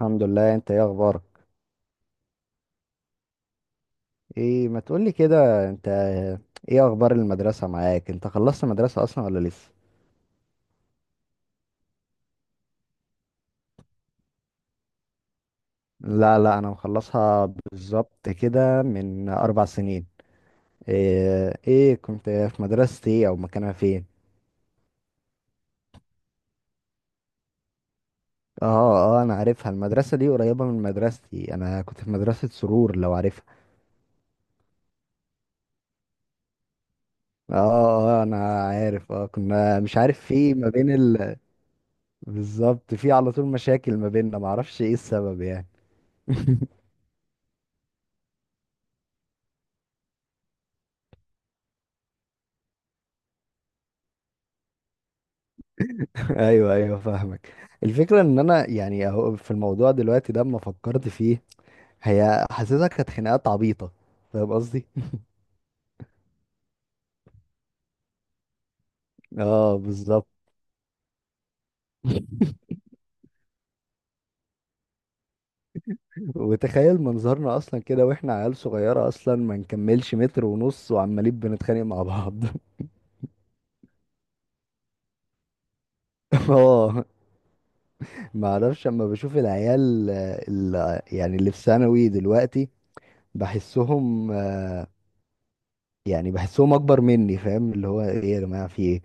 الحمد لله، انت ايه اخبارك؟ ايه ما تقولي كده انت. ايه اخبار المدرسة معاك؟ انت خلصت مدرسة اصلا ولا لسه؟ لا لا، انا مخلصها بالظبط كده من اربع سنين. ايه كنت في مدرستي، ايه او مكانها فين؟ اه. اه، انا عارفها المدرسة دي، قريبة من مدرستي، انا كنت في مدرسة سرور لو عارفها. اه اه، انا عارف. اه كنا مش عارف في ما بين بالظبط، في على طول مشاكل ما بيننا، معرفش ايه السبب يعني. ايوه ايوه، فاهمك. الفكره ان انا يعني اهو في الموضوع دلوقتي ده، اما فكرت فيه هي حاسسها كانت خناقات عبيطه. فاهم قصدي؟ اه بالظبط. وتخيل منظرنا اصلا كده، واحنا عيال صغيره اصلا ما نكملش متر ونص، وعمالين بنتخانق مع بعض. اه. ما اعرفش، اما بشوف العيال يعني اللي في ثانوي دلوقتي، بحسهم يعني بحسهم اكبر مني، فاهم اللي هو ايه يا جماعه، في ايه؟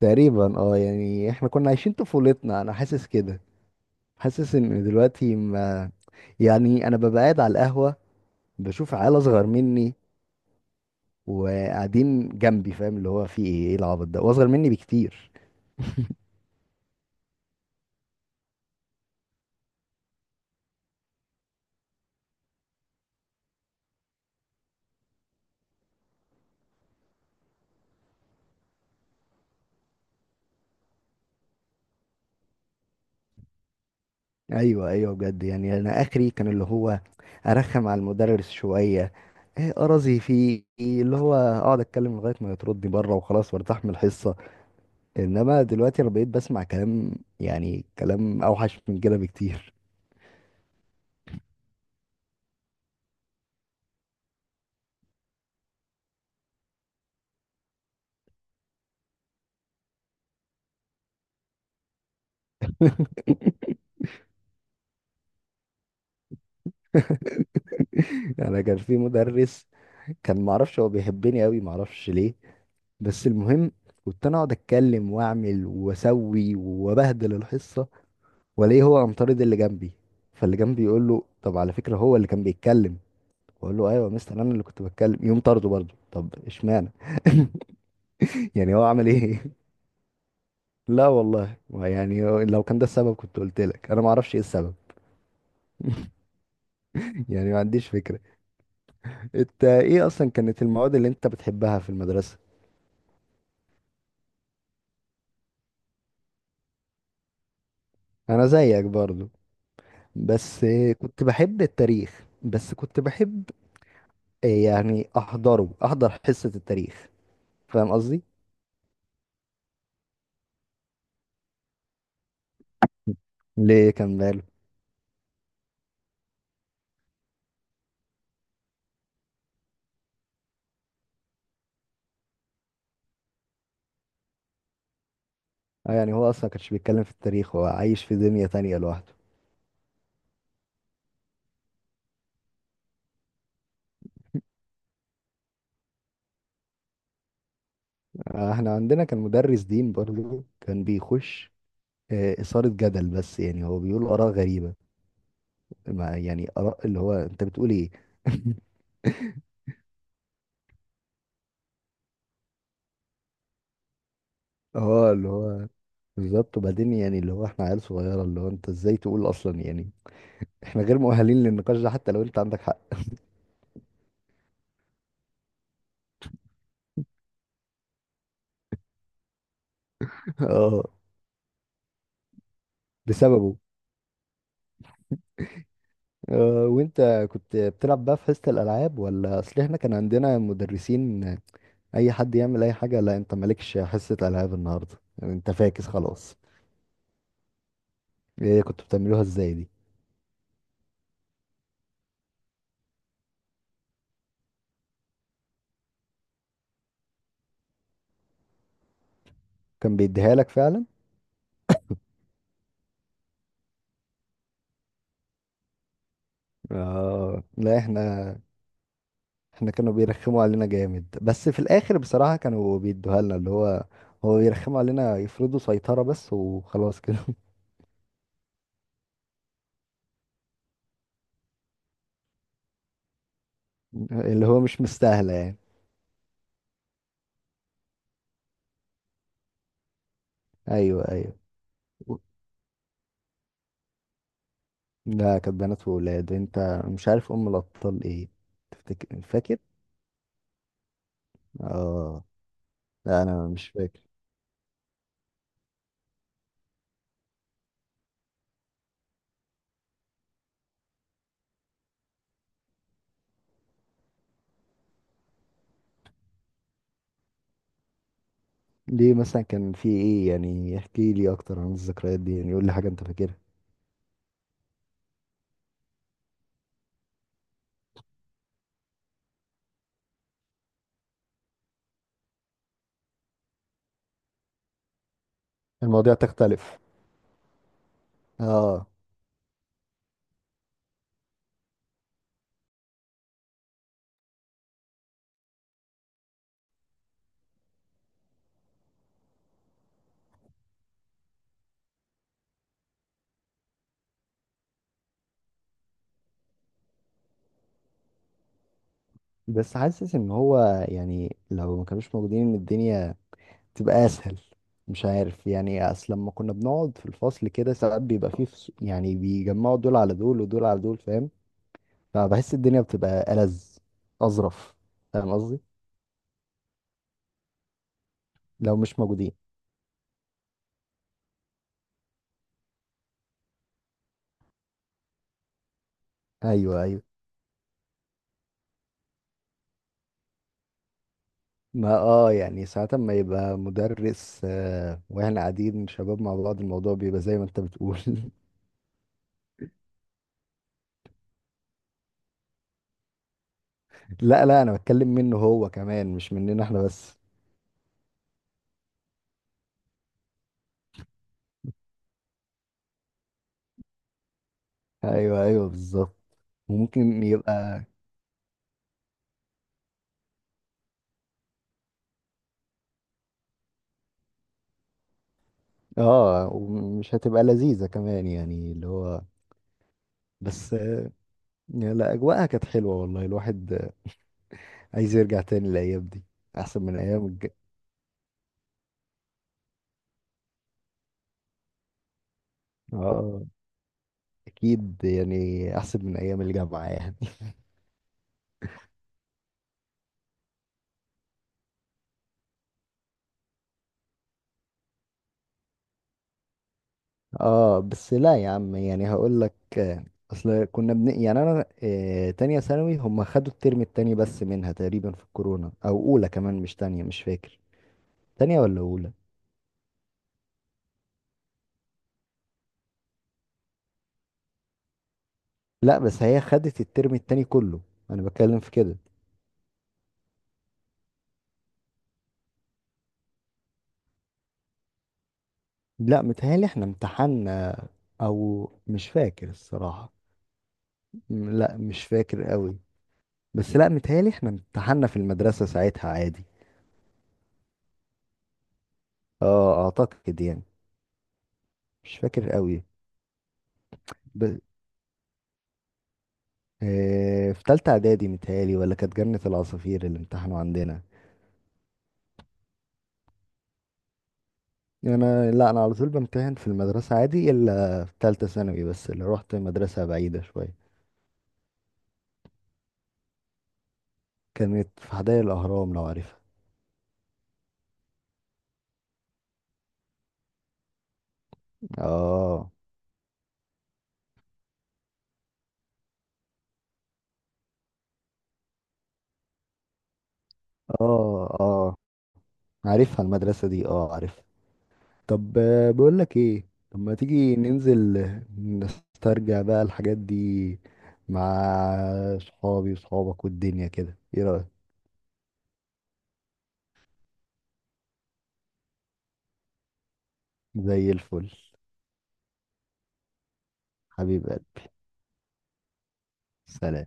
تقريبا. اه يعني احنا كنا عايشين طفولتنا، انا حاسس كده. حاسس ان دلوقتي ما، يعني انا ببقى قاعد على القهوة، بشوف عيال اصغر مني وقاعدين جنبي، فاهم اللي هو في ايه؟ ايه العبط ده؟ واصغر مني بكتير. ايوه ايوه، بجد، يعني انا اخري كان اللي هو ارخم على المدرس شوية. ايه ارازي فيه؟ اللي هو اقعد اتكلم لغاية ما يطردني بره وخلاص وارتاح من الحصة. انما دلوقتي انا بقيت بسمع كلام، يعني كلام اوحش من كده بكتير. انا كان في مدرس، كان معرفش هو بيحبني قوي، معرفش ليه. بس المهم، كنت انا اقعد اتكلم واعمل واسوي وابهدل الحصه، والاقيه هو امطارد اللي جنبي. فاللي جنبي يقول له طب على فكره هو اللي كان بيتكلم، اقول له ايوه يا مستر انا اللي كنت بتكلم، يقوم طرده برضه. طب اشمعنى؟ يعني هو عمل ايه؟ لا والله، يعني لو كان ده السبب كنت قلت لك. انا ما اعرفش ايه السبب، يعني ما عنديش فكره. انت ايه اصلا كانت المواد اللي انت بتحبها في المدرسه؟ انا زيك برضو. بس كنت بحب التاريخ، بس كنت بحب يعني احضر حصة التاريخ. فاهم قصدي؟ ليه كان باله؟ آه، يعني هو اصلا كانش بيتكلم في التاريخ، هو عايش في دنيا تانية لوحده. آه، احنا عندنا كان مدرس دين برضو، كان بيخش إثارة جدل، بس يعني هو بيقول آراء غريبة. ما يعني آراء، اللي هو انت بتقول ايه؟ اه، اللي هو بالظبط. وبعدين يعني، اللي هو احنا عيال صغيرة، اللي هو انت ازاي تقول اصلا؟ يعني احنا غير مؤهلين للنقاش ده، حتى لو انت عندك حق. اه بسببه. وانت كنت بتلعب بقى في حصة الالعاب، ولا اصل احنا كان عندنا مدرسين اي حد يعمل اي حاجة؟ لا انت مالكش حصة العاب النهاردة يعني، انت فاكس خلاص. ايه كنتوا بتعملوها ازاي دي؟ كان بيديها لك فعلا؟ اه. لا احنا، احنا كانوا بيرخموا علينا جامد، بس في الاخر بصراحة كانوا بيدوها لنا. اللي هو بيرخموا علينا يفرضوا سيطرة بس، وخلاص كده. اللي هو مش مستاهلة يعني. ايوه ايوه. لا كانت بنات وولاد، انت مش عارف ام الابطال ايه؟ تفتكر فاكر؟ اه. لا انا مش فاكر. ليه مثلا كان في ايه؟ يعني احكي لي اكتر عن الذكريات دي، يعني قول لي حاجه انت فاكرها. المواضيع تختلف. اه. بس حاسس ان هو يعني، لو ما كانوش موجودين ان الدنيا تبقى اسهل. مش عارف يعني، اصل لما كنا بنقعد في الفصل كده، ساعات بيبقى فيه يعني بيجمعوا دول على دول ودول على دول، فاهم؟ فبحس الدنيا بتبقى ألذ، اظرف، فاهم قصدي؟ لو مش موجودين. ايوه ايوه. ما يعني ساعات ما يبقى مدرس واحنا قاعدين شباب مع بعض، الموضوع بيبقى زي ما انت بتقول. لا لا، انا بتكلم منه هو كمان، مش مننا احنا بس. ايوه ايوه، بالظبط. وممكن يبقى. اه، ومش هتبقى لذيذة كمان، يعني اللي هو، بس لا، اجواءها كانت حلوة والله، الواحد عايز يرجع تاني الايام دي. احسن من ايام اه اكيد، يعني احسن من ايام الجامعة يعني. اه بس لا يا عم، يعني هقول لك اصل كنا يعني انا تانية ثانوي، هم خدوا الترم التاني بس منها تقريبا في الكورونا، او اولى كمان، مش تانية، مش فاكر. تانية ولا اولى؟ لا بس هي خدت الترم التاني كله، انا بتكلم في كده. لا متهيألي احنا امتحنا، او مش فاكر الصراحة. لا مش فاكر قوي. بس لا متهيألي احنا امتحنا في المدرسة ساعتها عادي. اه اعتقد يعني. مش فاكر قوي. إيه، في تالتة إعدادي متهيألي، ولا كانت جنة العصافير اللي امتحنوا عندنا؟ أنا، لا أنا على طول بمتحن في المدرسة عادي، إلا في تالتة ثانوي بس اللي روحت مدرسة بعيدة شوية. كانت في حدائق الأهرام لو عارفها. آه آه، آه عارفها المدرسة دي، آه عارفها. طب بقولك إيه، طب ما تيجي ننزل نسترجع بقى الحاجات دي مع صحابي وصحابك والدنيا كده، إيه رأيك؟ زي الفل. حبيب قلبي. سلام.